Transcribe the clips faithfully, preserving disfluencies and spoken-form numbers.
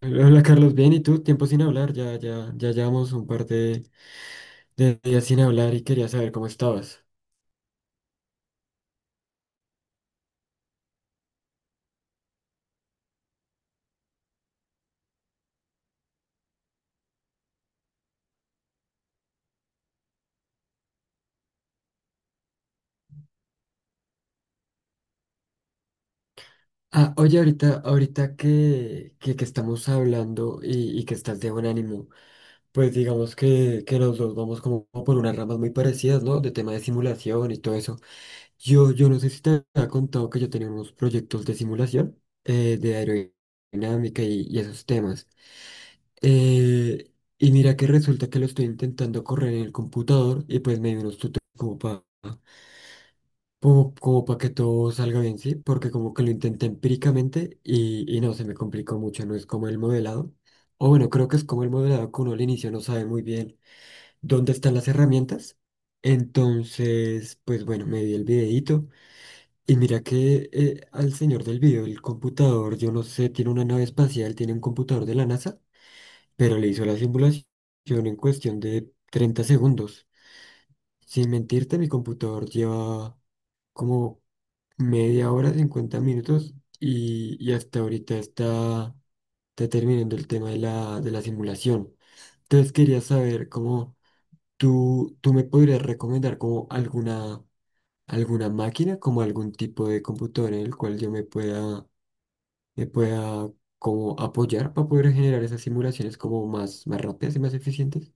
Hola Carlos, bien, ¿y tú? Tiempo sin hablar, ya, ya, ya llevamos un par de, de días sin hablar y quería saber cómo estabas. Ah, oye, ahorita, ahorita que, que, que estamos hablando y, y que estás de buen ánimo, pues digamos que, que los dos vamos como por unas ramas muy parecidas, ¿no? De tema de simulación y todo eso. Yo, yo no sé si te había contado que yo tenía unos proyectos de simulación eh, de aerodinámica y, y esos temas. Eh, y mira que resulta que lo estoy intentando correr en el computador y pues me dio unos tutoriales como para como, como pa que todo salga bien, ¿sí? Porque como que lo intenté empíricamente y, y no, se me complicó mucho, no es como el modelado. O bueno, creo que es como el modelado, que uno al inicio no sabe muy bien dónde están las herramientas. Entonces, pues bueno, me vi el videíto y mira que eh, al señor del video, el computador, yo no sé, tiene una nave espacial, tiene un computador de la NASA, pero le hizo la simulación en cuestión de treinta segundos. Sin mentirte, mi computador lleva como media hora, cincuenta minutos, y, y hasta ahorita está, está terminando el tema de la, de la simulación. Entonces quería saber cómo tú, tú me podrías recomendar como alguna, alguna máquina, como algún tipo de computador en el cual yo me pueda, me pueda como apoyar para poder generar esas simulaciones como más, más rápidas y más eficientes.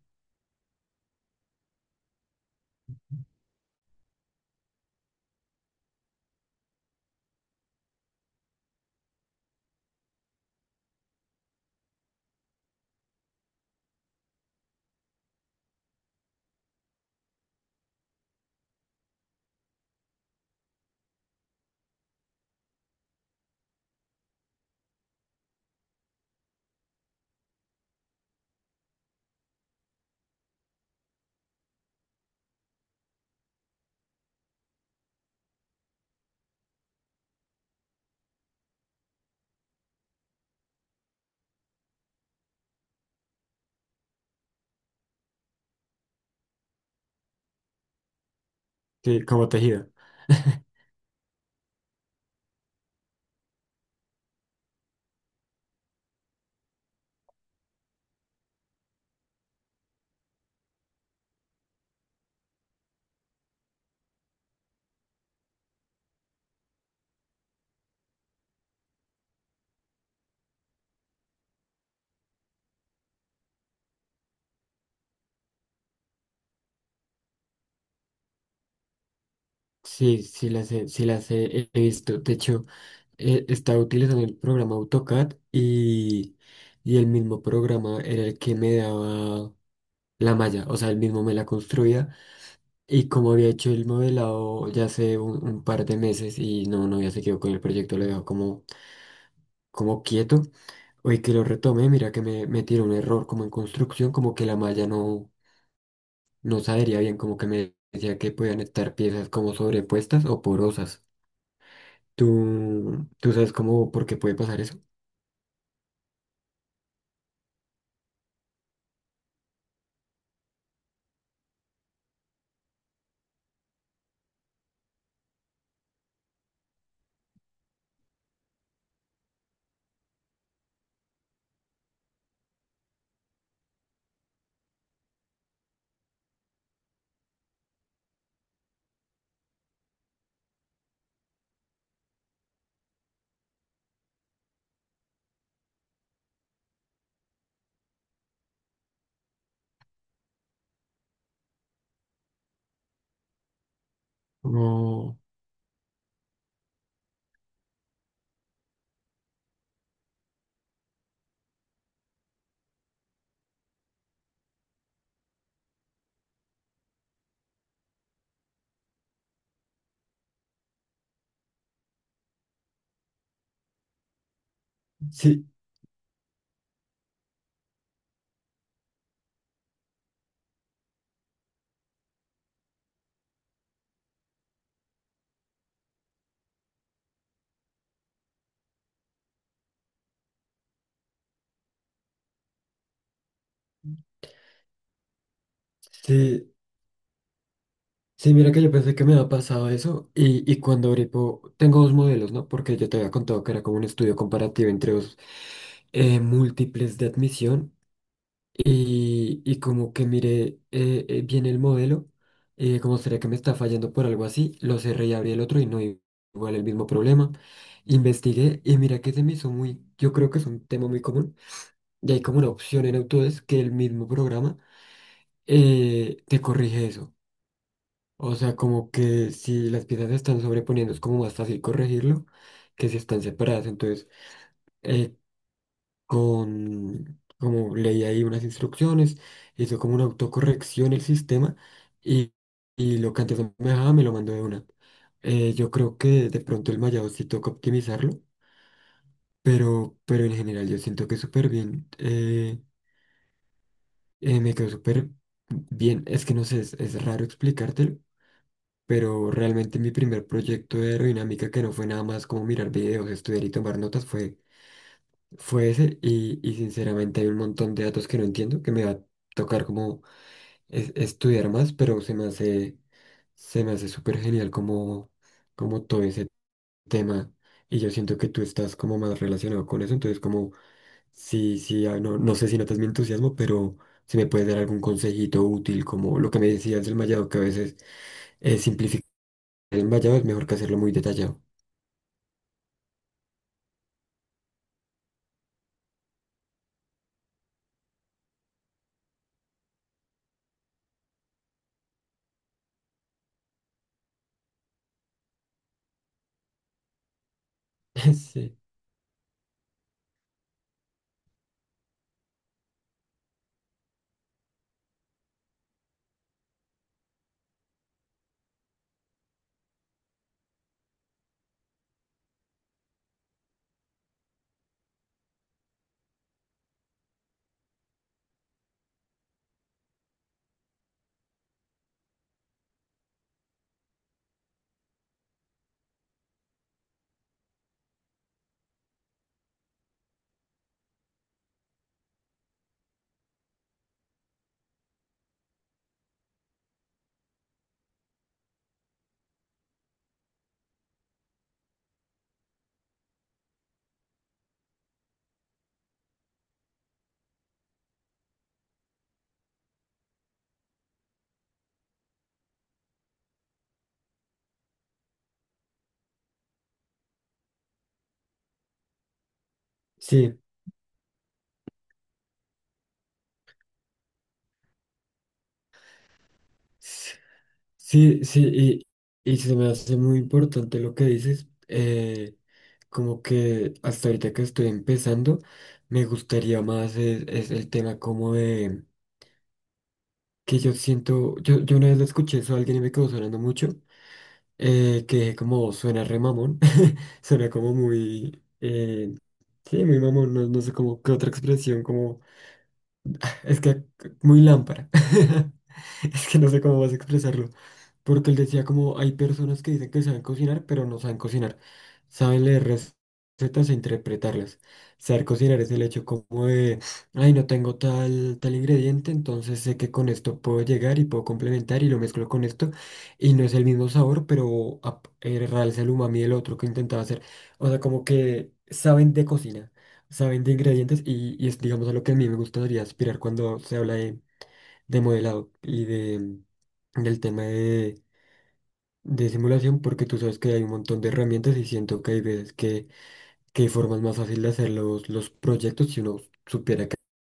Sí, como tejido. Sí, sí las he, sí las he, he visto. De hecho, eh, estaba utilizando el programa AutoCAD y, y el mismo programa era el que me daba la malla, o sea, el mismo me la construía. Y como había hecho el modelado ya hace un, un par de meses y no, no había seguido con el proyecto, lo dejó como, como quieto. Hoy que lo retomé, mira que me, me tiró un error como en construcción, como que la malla no. No sabería bien, como que me decía que podían estar piezas como sobrepuestas o porosas. ¿Tú, tú sabes cómo, por qué puede pasar eso? No. Sí, sí, sí, mira que yo pensé que me había pasado eso y, y cuando abrí, po- tengo dos modelos, ¿no? Porque yo te había contado que era como un estudio comparativo entre dos eh, múltiples de admisión. Y, y como que miré eh, eh, bien el modelo, eh, como sería que me está fallando por algo así, lo cerré y abrí el otro y no i- igual el mismo problema. Investigué y mira que se me hizo muy, yo creo que es un tema muy común. Y hay como una opción en Autodesk que el mismo programa eh, te corrige eso. O sea, como que si las piezas se están sobreponiendo es como más fácil corregirlo que si están separadas. Entonces, eh, con, como leí ahí unas instrucciones, hizo como una autocorrección el sistema y, y lo que antes no me dejaba me lo mandó de una. Eh, yo creo que de pronto el mallado sí toca optimizarlo, pero, pero en general yo siento que súper bien. Eh, eh, me quedó súper bien. Es que no sé, es, es raro explicártelo, pero realmente mi primer proyecto de aerodinámica, que no fue nada más como mirar videos, estudiar y tomar notas, fue fue ese y, y sinceramente hay un montón de datos que no entiendo, que me va a tocar como es- estudiar más, pero se me hace, se me hace súper genial como, como todo ese tema. Y yo siento que tú estás como más relacionado con eso, entonces como, sí, sí, ah, no, no sé si notas mi entusiasmo, pero si me puedes dar algún consejito útil, como lo que me decías del mallado, que a veces eh, simplificar el mallado es mejor que hacerlo muy detallado. Sí, sí. Sí, sí, y, y se me hace muy importante lo que dices, eh, como que hasta ahorita que estoy empezando, me gustaría más es, es el tema como de que yo siento, yo, yo una vez lo escuché eso a alguien y me quedó sonando mucho, eh, que como suena re mamón, suena como muy, eh, sí, muy mamón, no, no sé cómo, qué otra expresión, como es que muy lámpara. Es que no sé cómo vas a expresarlo. Porque él decía como hay personas que dicen que saben cocinar, pero no saben cocinar. Saben leer recetas e interpretarlas. Saber cocinar es el hecho como de, ay, no tengo tal, tal ingrediente, entonces sé que con esto puedo llegar y puedo complementar y lo mezclo con esto. Y no es el mismo sabor, pero ap- eh, realza el umami del otro que intentaba hacer. O sea, como que saben de cocina, saben de ingredientes y, y es, digamos, a lo que a mí me gustaría aspirar cuando se habla de, de modelado y de, del tema de, de simulación, porque tú sabes que hay un montón de herramientas y siento que hay veces que, que hay formas más fáciles de hacer los, los proyectos si uno supiera que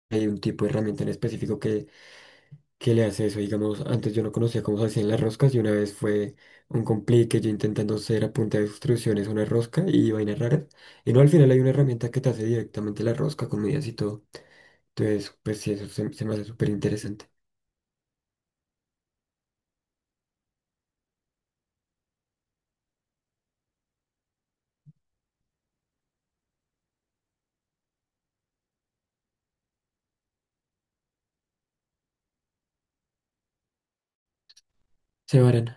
hay un tipo de herramienta en específico que, que le hace eso. Digamos, antes yo no conocía cómo se hacían las roscas y una vez fue un complique yo intentando hacer a punta de instrucciones una rosca y vainas raras. Y no, al final hay una herramienta que te hace directamente la rosca con medidas y todo. Entonces, pues sí, eso se, se me hace súper interesante. Se varan.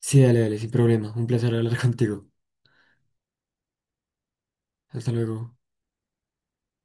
Sí, dale, dale, sin problema. Un placer hablar contigo. Hasta luego.